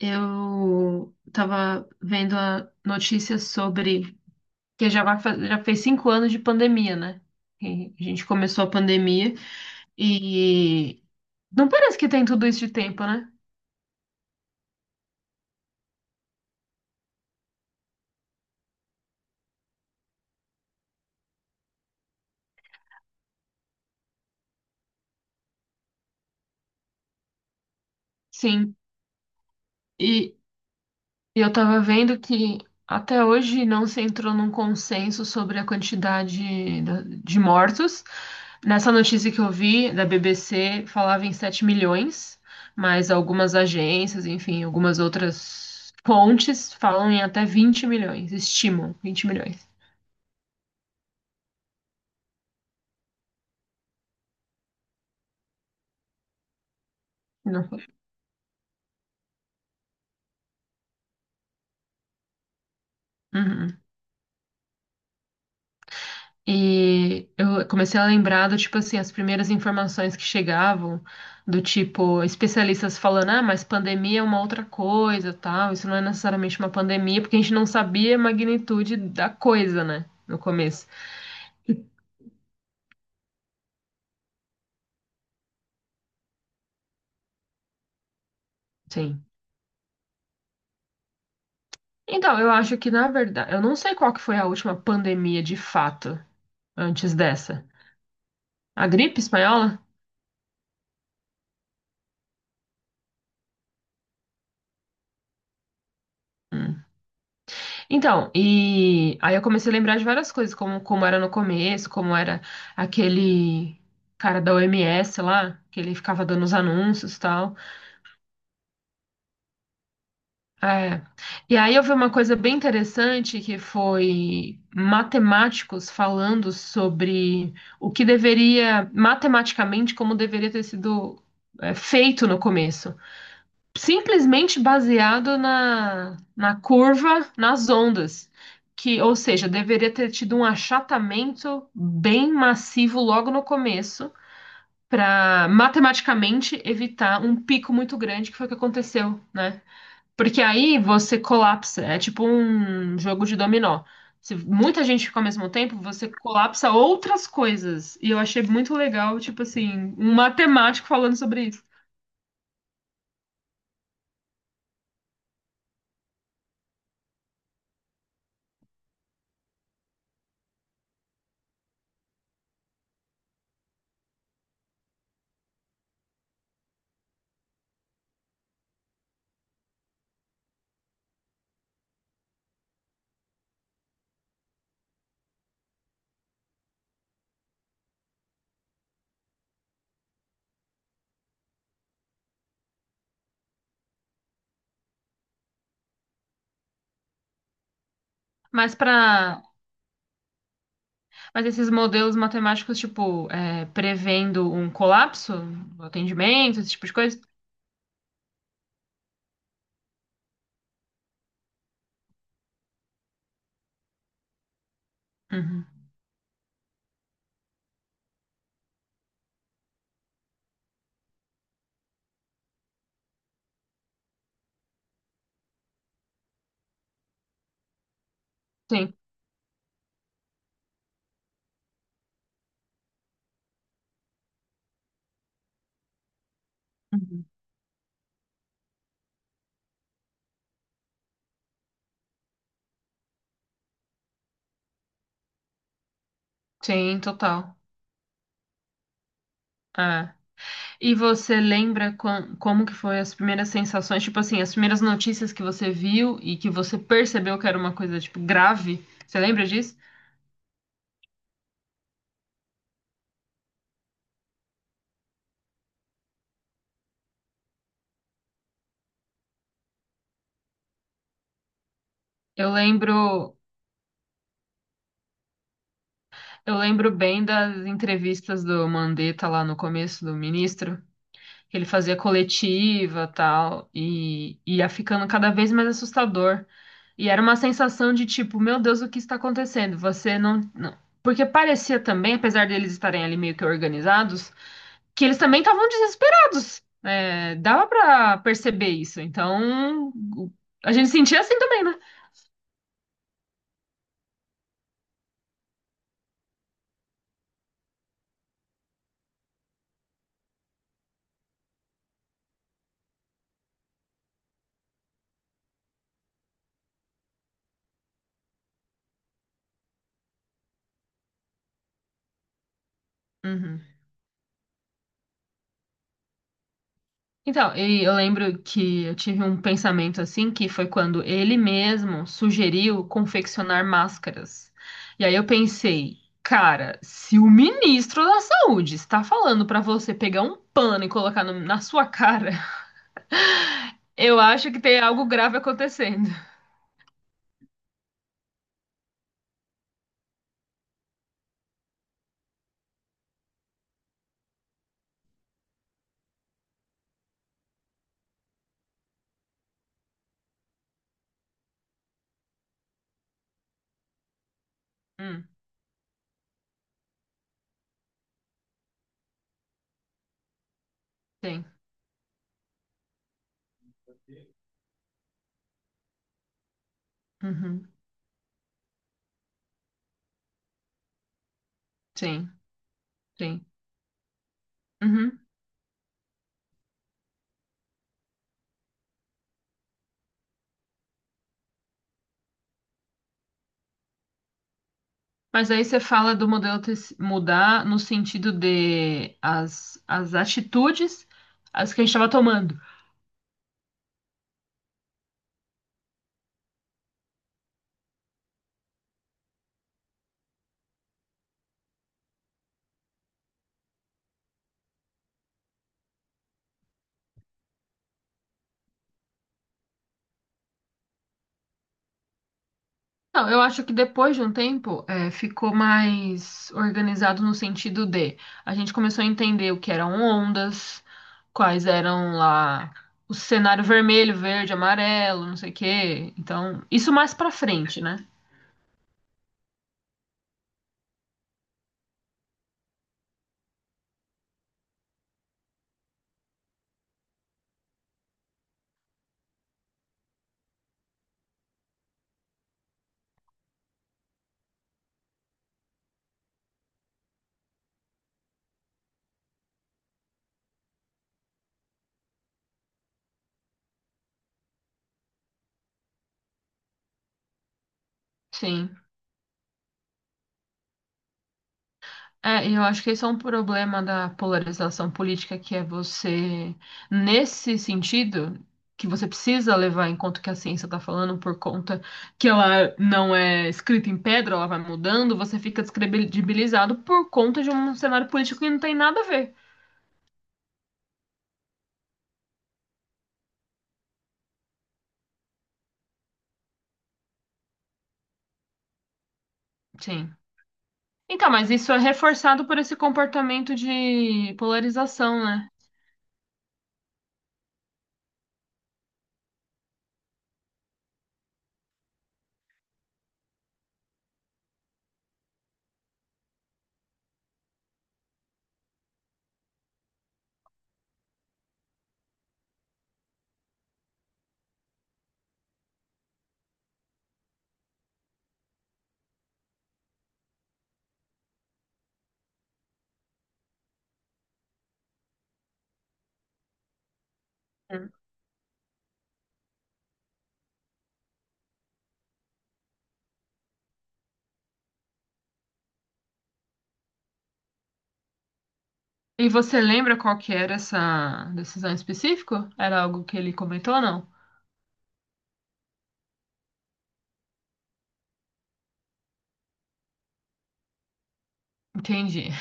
Eu tava vendo a notícia sobre que já vai já fez cinco anos de pandemia, né? E a gente começou a pandemia e não parece que tem tudo isso de tempo, né? Sim. E E eu tava vendo que até hoje não se entrou num consenso sobre a quantidade de mortos. Nessa notícia que eu vi da BBC, falava em 7 milhões, mas algumas agências, enfim, algumas outras fontes falam em até 20 milhões, estimam 20 milhões. Não foi. Uhum. E eu comecei a lembrar do tipo assim, as primeiras informações que chegavam, do tipo, especialistas falando, ah, mas pandemia é uma outra coisa, tal, isso não é necessariamente uma pandemia, porque a gente não sabia a magnitude da coisa, né, no começo. Sim. Então, eu acho que, na verdade, eu não sei qual que foi a última pandemia de fato, antes dessa. A gripe espanhola? Então, e aí eu comecei a lembrar de várias coisas, como, como era no começo, como era aquele cara da OMS lá, que ele ficava dando os anúncios e tal. É. E aí eu vi uma coisa bem interessante que foi matemáticos falando sobre o que deveria, matematicamente, como deveria ter sido, feito no começo. Simplesmente baseado na curva, nas ondas, que, ou seja, deveria ter tido um achatamento bem massivo logo no começo, para matematicamente evitar um pico muito grande, que foi o que aconteceu, né? Porque aí você colapsa, é tipo um jogo de dominó. Se muita gente fica ao mesmo tempo, você colapsa outras coisas. E eu achei muito legal, tipo assim, um matemático falando sobre isso. Mas para Mas esses modelos matemáticos, tipo, prevendo um colapso do atendimento, esse tipo de coisa? Uhum. Sim. Uhum. Sim, total. É. E você lembra como que foi as primeiras sensações, tipo assim, as primeiras notícias que você viu e que você percebeu que era uma coisa, tipo, grave? Você lembra disso? Eu lembro, eu lembro bem das entrevistas do Mandetta lá no começo, do ministro. Que ele fazia coletiva tal, e ia ficando cada vez mais assustador. E era uma sensação de tipo, meu Deus, o que está acontecendo? Você não, não. Porque parecia também, apesar deles estarem ali meio que organizados, que eles também estavam desesperados. É, dava pra perceber isso. Então, o- a gente sentia assim também, né? Uhum. Então, e eu lembro que eu tive um pensamento assim, que foi quando ele mesmo sugeriu confeccionar máscaras. E aí eu pensei, cara, se o ministro da Saúde está falando para você pegar um pano e colocar na sua cara, eu acho que tem algo grave acontecendo. Hum, tem. Uhum, sim, sim. Uhum. Mas aí você fala do modelo ter se- mudar no sentido de as atitudes as que a gente estava tomando. Não, eu acho que depois de um tempo, ficou mais organizado no sentido de a gente começou a entender o que eram ondas, quais eram lá o cenário vermelho, verde, amarelo, não sei o quê. Então, isso mais pra frente, né? Sim. É, e eu acho que esse é um problema da polarização política, que é você, nesse sentido, que você precisa levar em conta o que a ciência está falando, por conta que ela não é escrita em pedra, ela vai mudando, você fica descredibilizado por conta de um cenário político que não tem nada a ver. Sim. Então, mas isso é reforçado por esse comportamento de polarização, né? Sim. E você lembra qual que era essa decisão específica? Era algo que ele comentou ou não? Entendi.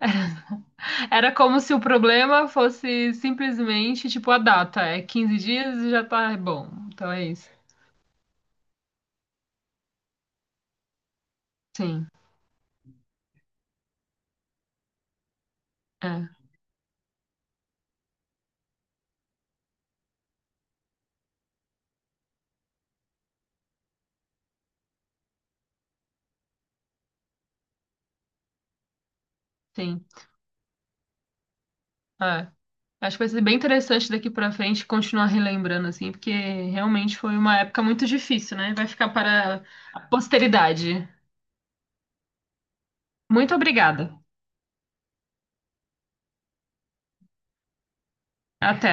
Era como se o problema fosse simplesmente, tipo, a data. É 15 dias e já tá bom. Então é isso. Sim, é, sim, é. Acho que vai ser bem interessante daqui pra frente continuar relembrando, assim, porque realmente foi uma época muito difícil, né? Vai ficar para a posteridade. Muito obrigada. Até.